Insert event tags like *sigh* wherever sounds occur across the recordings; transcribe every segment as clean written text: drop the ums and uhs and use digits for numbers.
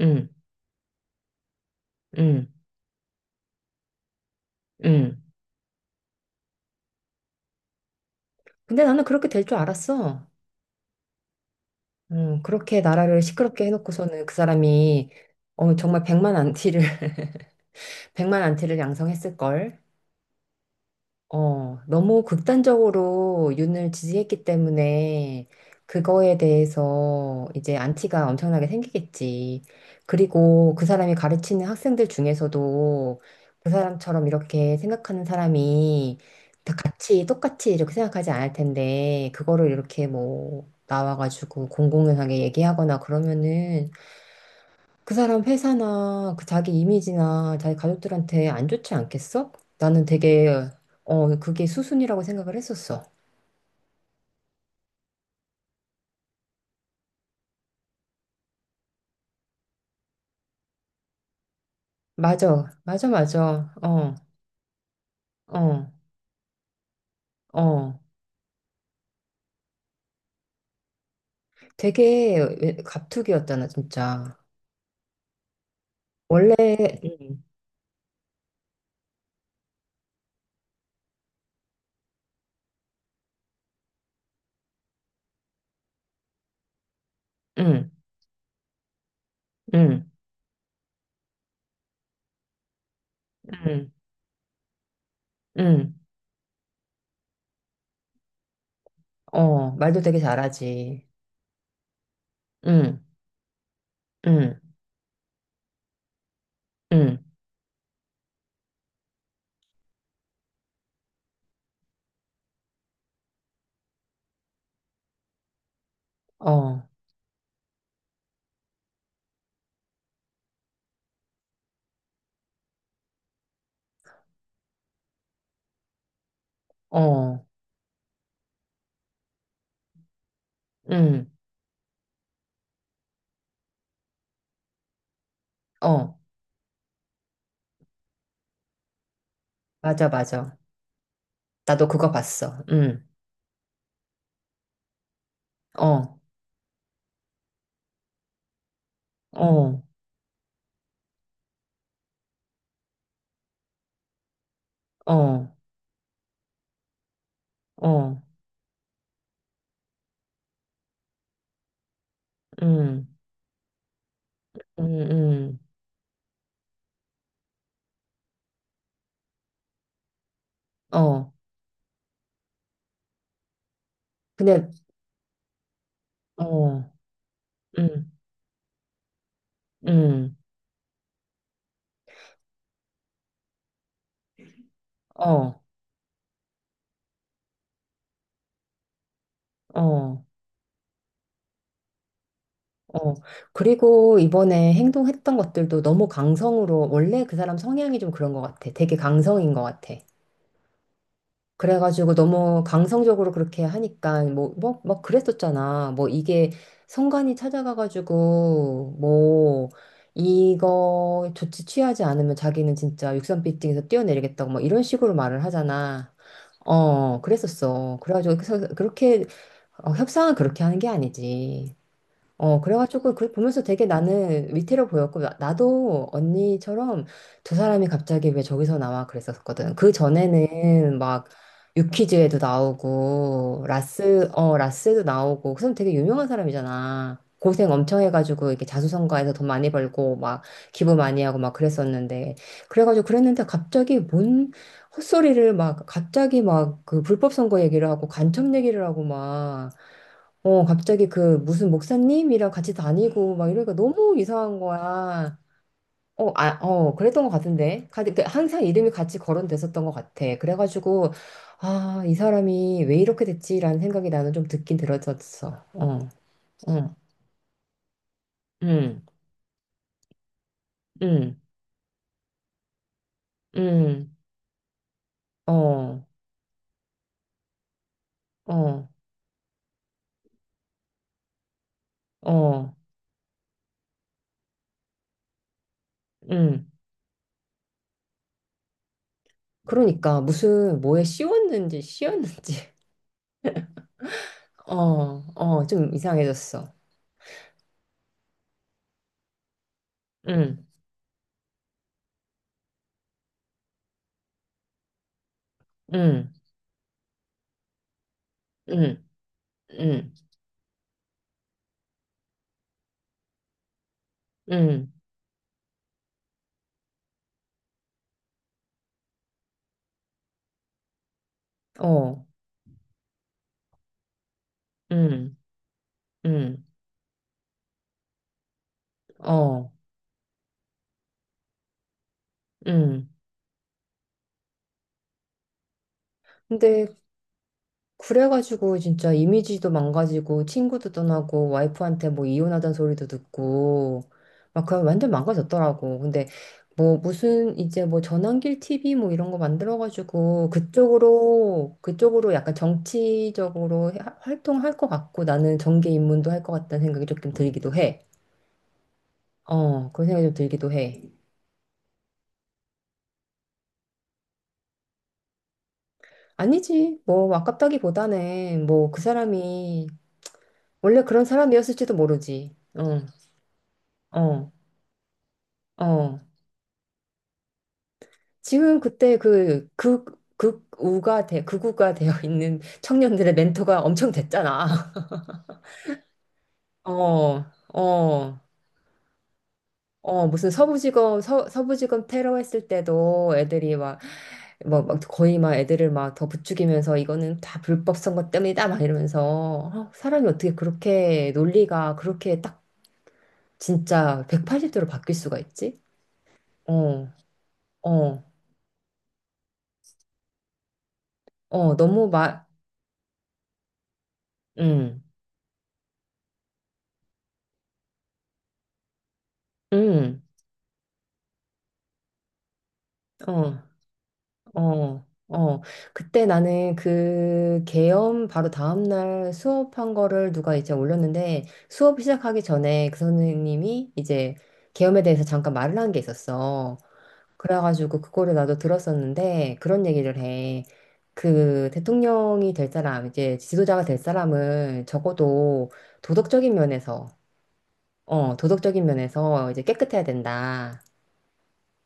응, 응, 응. 근데 나는 그렇게 될 줄 알았어. 응, 그렇게 나라를 시끄럽게 해놓고서는 그 사람이 정말 100만 안티를, *laughs* 100만 안티를 양성했을걸. 너무 극단적으로 윤을 지지했기 때문에 그거에 대해서 이제 안티가 엄청나게 생기겠지. 그리고 그 사람이 가르치는 학생들 중에서도 그 사람처럼 이렇게 생각하는 사람이 다 같이 똑같이 이렇게 생각하지 않을 텐데 그거를 이렇게 뭐 나와가지고 공공연하게 얘기하거나 그러면은 그 사람 회사나 그 자기 이미지나 자기 가족들한테 안 좋지 않겠어? 나는 되게 그게 수순이라고 생각을 했었어. 맞아, 맞아, 맞아. 어, 어, 어. 되게 갑툭이었잖아, 진짜. 원래 응, 응, 응, 응, 응. 어, 말도 되게 잘하지. 응, 응, 응. 어, 어, 응, 어. 맞아, 맞아. 나도 그거 봤어. 응, 어, 어, 어. 어, 음, 음, 어. 근데, 어, 음, 음, 어, 어, 어. 그리고 이번에 행동했던 것들도 너무 강성으로, 원래 그 사람 성향이 좀 그런 것 같아. 되게 강성인 것 같아. 그래가지고 너무 강성적으로 그렇게 하니까, 뭐, 막 그랬었잖아. 뭐 이게 성관이 찾아가가지고, 뭐, 이거 조치 취하지 않으면 자기는 진짜 63빌딩에서 뛰어내리겠다고 막 이런 식으로 말을 하잖아. 어, 그랬었어. 그래가지고 그래서 그렇게 협상은 그렇게 하는 게 아니지. 어, 그래가지고 그 보면서 되게 나는 위태로 보였고, 나도 언니처럼 두 사람이 갑자기 왜 저기서 나와 그랬었거든. 그 전에는 막 유퀴즈에도 나오고, 라스도 나오고, 그 사람 되게 유명한 사람이잖아. 고생 엄청 해가지고 이렇게 자수성가해서 돈 많이 벌고 막 기부 많이 하고 막 그랬었는데 그래가지고 그랬는데 갑자기 뭔 헛소리를 막 갑자기 막 그 불법 선거 얘기를 하고 간첩 얘기를 하고 막 어, 갑자기 그 무슨 목사님이랑 같이 다니고 막 이러니까 너무 이상한 거야. 어, 아, 어, 그랬던 것 같은데. 그 항상 이름이 같이 거론됐었던 것 같아. 그래가지고, 아, 이 사람이 왜 이렇게 됐지라는 생각이 나는 좀 듣긴 들었었어. 어, 어, 음, 음, 음, 어, 어, 어, 음. 그러니까 무슨 뭐에 씌웠는지. *laughs* 어, 어, 좀 이상해졌어. 음, 음, 음, 음, 음, 어. 음, 음, 어, 음. 근데 그래가지고 진짜 이미지도 망가지고 친구도 떠나고 와이프한테 뭐 이혼하자는 소리도 듣고 막 그냥 완전 망가졌더라고. 근데 뭐 무슨 이제 뭐 전환길 TV 뭐 이런 거 만들어가지고 그쪽으로 그쪽으로 약간 정치적으로 활동할 것 같고 나는 정계 입문도 할 것 같다는 생각이 조금 들기도 해. 어, 그런 생각이 좀 들기도 해. 아니지, 뭐, 아깝다기보다는, 뭐, 그 사람이 원래 그런 사람이었을지도 모르지. 어, 어, 어. 지금 그때 극우가 되어 있는 청년들의 멘토가 엄청 됐잖아. *laughs* 어, 어, 어, 무슨 서부지검 테러 했을 때도 애들이 막, 뭐, 막 거의 막 애들을 막 더 부추기면서 이거는 다 불법 선거 때문이다 막 이러면서 어, 사람이 어떻게 그렇게 논리가 그렇게 딱 진짜 180도로 바뀔 수가 있지? 어, 어, 어, 음, 음, 어, 어, 어. 그때 나는 그 계엄 바로 다음날 수업한 거를 누가 이제 올렸는데 수업 시작하기 전에 그 선생님이 이제 계엄에 대해서 잠깐 말을 한 게 있었어. 그래가지고 그거를 나도 들었었는데 그런 얘기를 해. 그 대통령이 될 사람, 이제 지도자가 될 사람은 적어도 도덕적인 면에서, 도덕적인 면에서 이제 깨끗해야 된다.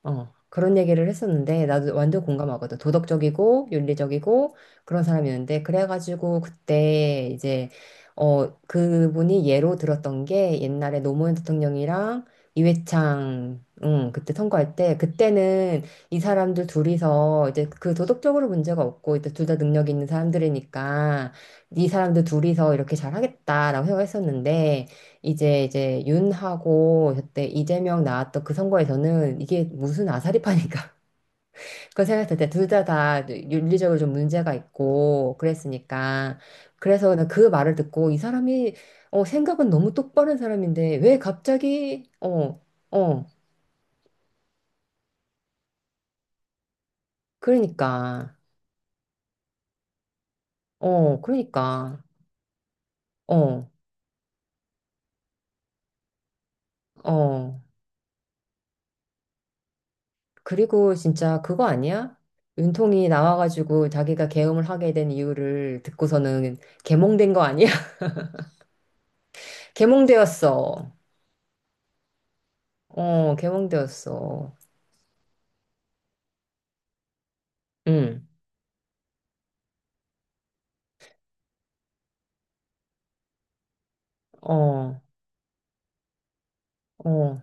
어, 그런 얘기를 했었는데 나도 완전 공감하거든. 도덕적이고 윤리적이고 그런 사람이었는데 그래가지고 그때 이제 그분이 예로 들었던 게 옛날에 노무현 대통령이랑 이회창 응, 그때 선거할 때 그때는 이 사람들 둘이서 이제 그 도덕적으로 문제가 없고 이제 둘 다 능력 있는 사람들이니까 이 사람들 둘이서 이렇게 잘하겠다라고 생각했었는데 이제 윤하고 그때 이재명 나왔던 그 선거에서는 이게 무슨 아사리파니까 *laughs* 그거 생각했을 때 둘 다 윤리적으로 좀 문제가 있고 그랬으니까 그래서 그냥 그 말을 듣고 이 사람이 생각은 너무 똑바른 사람인데 왜 갑자기 어 어 그러니까 어 그러니까 어 어 그리고 진짜 그거 아니야? 윤통이 나와가지고 자기가 계엄을 하게 된 이유를 듣고서는 개몽된 거 아니야? 개몽되었어. 어, 개몽되었어. 응, 어, 어.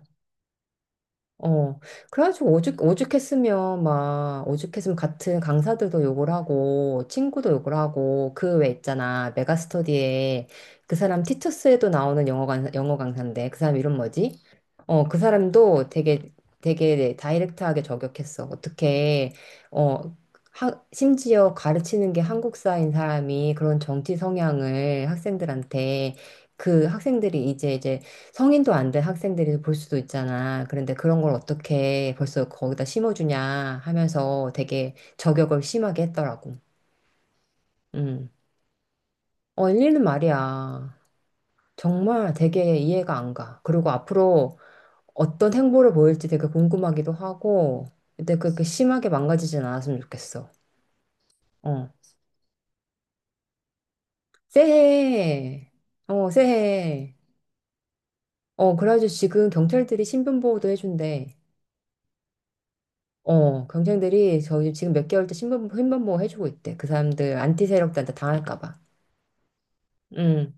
어, 그래가지고 오죽했으면 막, 오죽했으면 같은 강사들도 욕을 하고, 친구도 욕을 하고, 그 외 있잖아, 메가스터디에 그 사람 티투스에도 나오는 영어 강사인데, 그 사람 이름 뭐지? 어, 그 사람도 되게 다이렉트하게 저격했어. 어떻게, 어, 하, 심지어 가르치는 게 한국사인 사람이 그런 정치 성향을 학생들한테 그 학생들이 이제 성인도 안 된 학생들이 볼 수도 있잖아. 그런데 그런 걸 어떻게 벌써 거기다 심어주냐 하면서 되게 저격을 심하게 했더라고. 음. 어, 일리는 말이야. 정말 되게 이해가 안 가. 그리고 앞으로 어떤 행보를 보일지 되게 궁금하기도 하고, 근데 그렇게 심하게 망가지진 않았으면 좋겠어. 어. 새해. 어, 새해. 어, 그래가지고 지금 경찰들이 신변보호도 해준대. 어, 경쟁들이 저희 지금 몇 개월째 신변보호 해주고 있대. 그 사람들 안티 세력들한테 당할까 봐. 음.